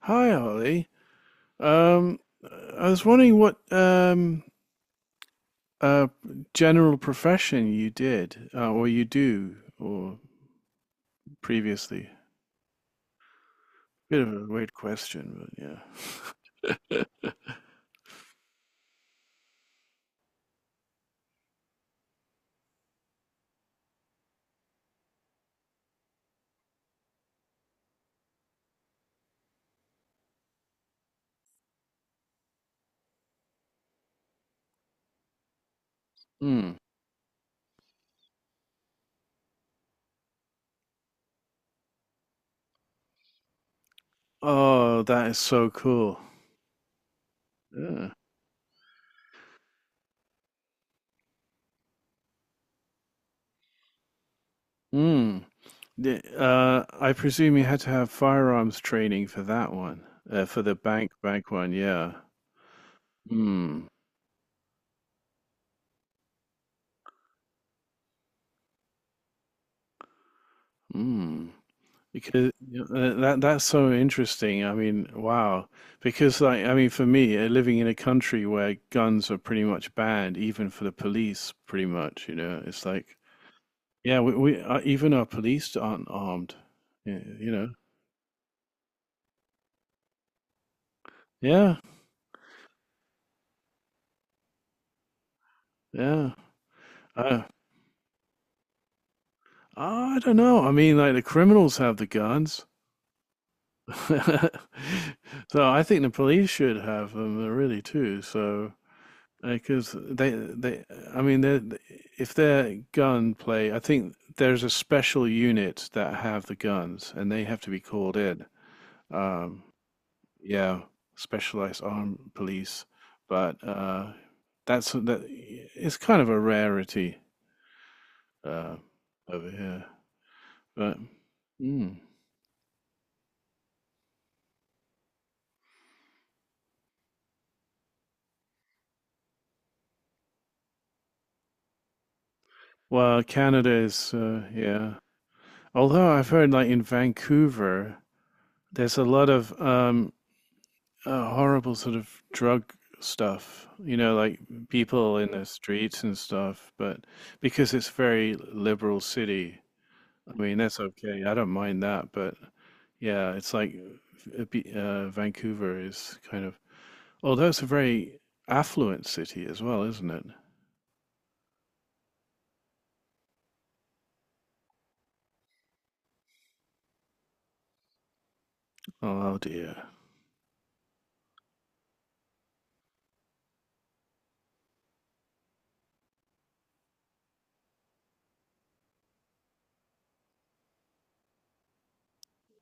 Hi, Ollie. Um, I was wondering what uh, general profession you did, or you do, or previously. Bit of a weird question, but yeah. Hmm. Oh, that is so cool. Yeah. Hmm. I presume you had to have firearms training for that one, for the bank one. Yeah. Hmm. Hmm. Because that's so interesting. I mean, wow. Because I mean, for me, living in a country where guns are pretty much banned, even for the police, pretty much, you know, it's like, yeah, we even our police aren't armed. You know, yeah, yeah. Uh, I don't know. I mean, like the criminals have the guns, so I think the police should have them really too. So. Because I mean, if they're gunplay, I think there's a special unit that have the guns, and they have to be called in. Um, yeah, specialized armed police, but that's that. It's kind of a rarity uh, over here. But mm. Well, Canada is yeah. Although I've heard like in Vancouver, there's a lot of horrible sort of drug stuff, you know, like people in the streets and stuff. But because it's very liberal city, I mean, that's okay. I don't mind that. But yeah, it's like Vancouver is kind of, although it's a very affluent city as well, isn't it? Oh dear.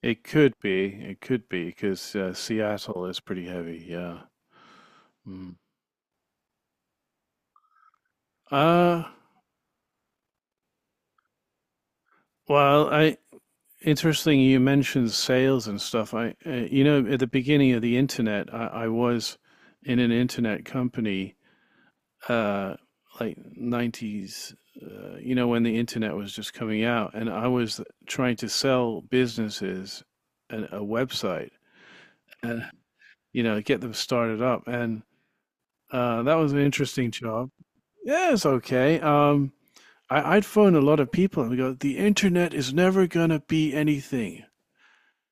It could be. It could be because Seattle is pretty heavy. Yeah. Mm. Uh, well, I Interesting, you mentioned sales and stuff. You know, at the beginning of the internet, I was in an internet company, uh, like 90s, you know, when the internet was just coming out, and I was trying to sell businesses a website and, you know, get them started up. And that was an interesting job. Yeah, it's okay. I'd phone a lot of people and we go, the internet is never gonna be anything.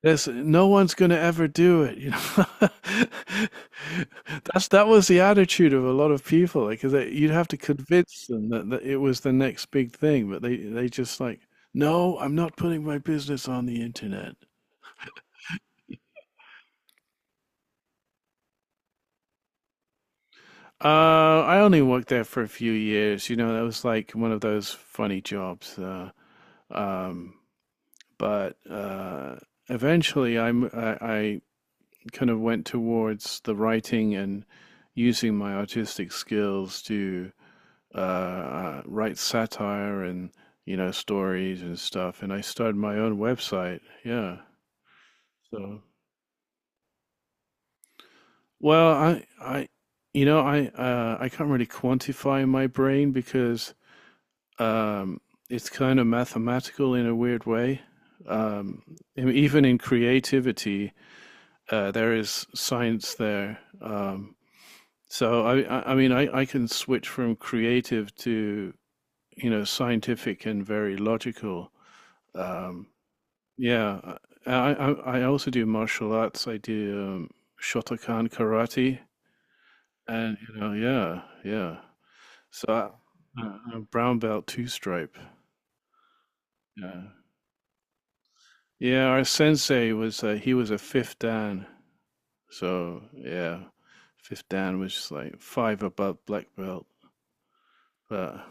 This No one's going to ever do it, you know. That was the attitude of a lot of people, like 'cause they, you'd have to convince them that it was the next big thing, but they just like, no, I'm not putting my business on the internet. I only worked there for a few years, you know. That was like one of those funny jobs. Um, but Eventually, I kind of went towards the writing and using my artistic skills to write satire and you know stories and stuff. And I started my own website. Yeah. So well, I you know I can't really quantify my brain because um, it's kind of mathematical in a weird way. Um, even in creativity, there is science there. So I can switch from creative to, you know, scientific and very logical. Um, yeah, I, I, I also do martial arts. I do Shotokan karate, and you know, yeah, yeah. So I, I'm brown belt two stripe. Yeah, yeah. Our sensei was he was a fifth dan, so yeah, fifth dan was just like five above black belt, but.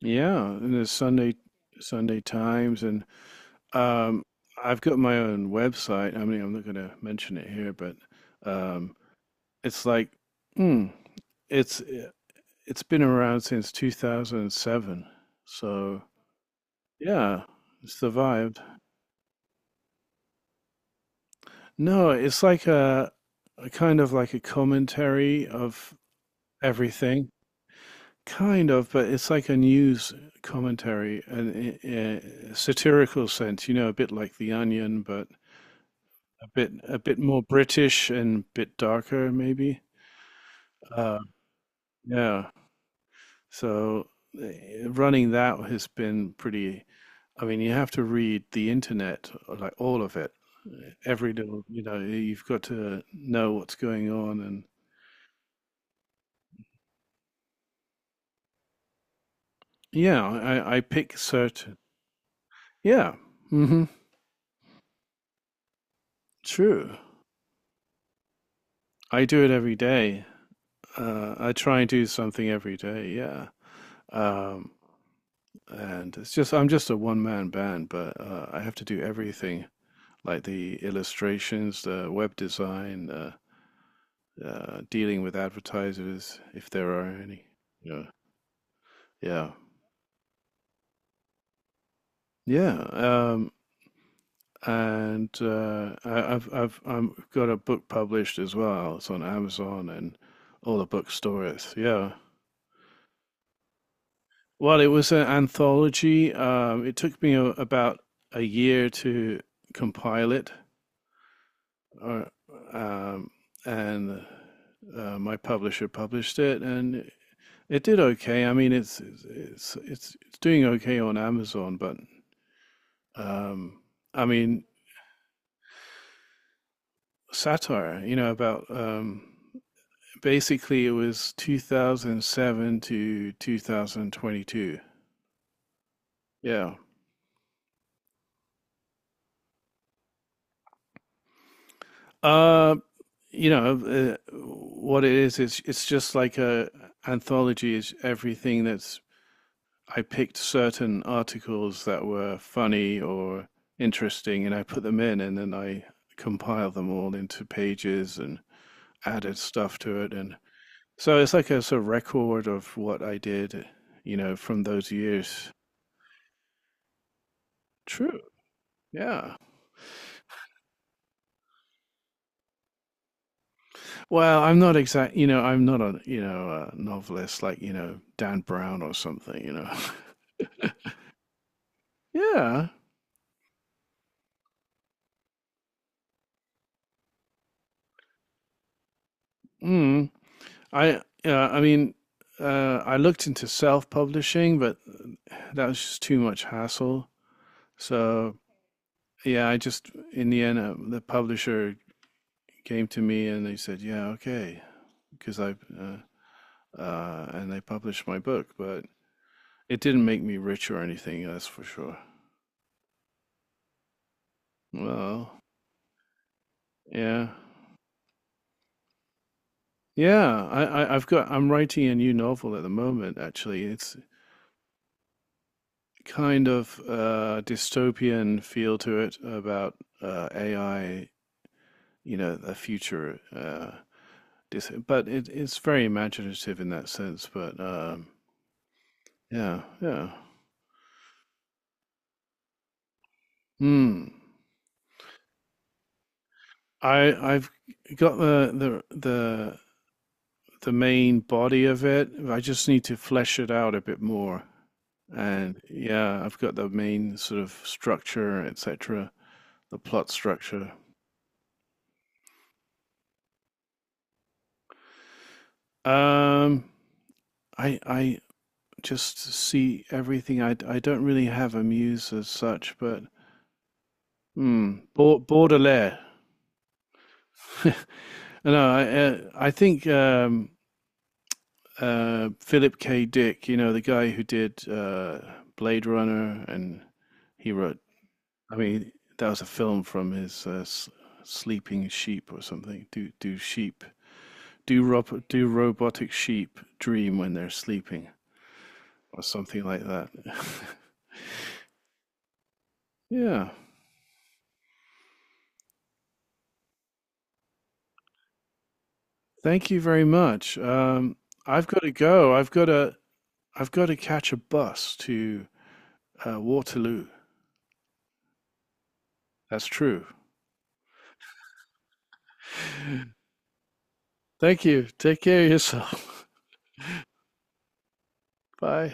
Yeah, and the Sunday Times, and um, I've got my own website. I mean, I'm not going to mention it here, but um, it's like, hmm, it's eh, it's been around since 2007. So yeah, it's survived. No, it's like a kind of like a commentary of everything, kind of, but it's like a news commentary, an a satirical sense, you know, a bit like The Onion, but a bit more British and a bit darker maybe. Uh, yeah. So eh, running that has been pretty. I mean, you have to read the internet, like all of it, every little. You know, you've got to know what's going on, and yeah, I pick certain. Yeah. Hmm. True. I do it every day. I try and do something every day. Yeah. Um, and it's just I'm just a one man band, but I have to do everything like the illustrations, the web design, dealing with advertisers if there are any. Yeah, yeah, yeah. And I, I've I'm got a book published as well. It's on Amazon and all the bookstores. Yeah. Well, it was an anthology. It took me about a year to compile it, or, um, and my publisher published it, and it did okay. I mean, it's doing okay on Amazon, but um, I mean, satire. You know about basically it was 2007 to 2022. Yeah. Uh, what it is. It's just like a anthology. Is Everything that's I picked certain articles that were funny or interesting, and I put them in, and then I compile them all into pages and added stuff to it. And so it's like a sort of record of what I did, you know, from those years. True. Yeah. Well, I'm not exact, you know, I'm not a, you know, a novelist like, you know, Dan Brown or something, you know. Yeah. Mm. Yeah, I mean, I looked into self-publishing, but that was just too much hassle. So, yeah, I just, in the end, the publisher came to me and they said, yeah, okay, because I published my book, but it didn't make me rich or anything, that's for sure. Well, yeah, yeah. I I've got I'm writing a new novel at the moment. Actually, it's kind of dystopian feel to it about AI. You know, a future. It's very imaginative in that sense. But yeah, yeah. Hmm. I've got the main body of it. I just need to flesh it out a bit more. And yeah, I've got the main sort of structure, etc., the plot structure. Um, I just see everything. I don't really have a muse as such, but hmm, Baudelaire. No, I think Philip K. Dick, you know, the guy who did Blade Runner and he wrote I mean, that was a film from his Sleeping Sheep or something. Do robotic sheep dream when they're sleeping or something like that? Yeah. Thank you very much. I've got to go. I've got to catch a bus to Waterloo. That's true. Thank you. Take care of yourself. Bye.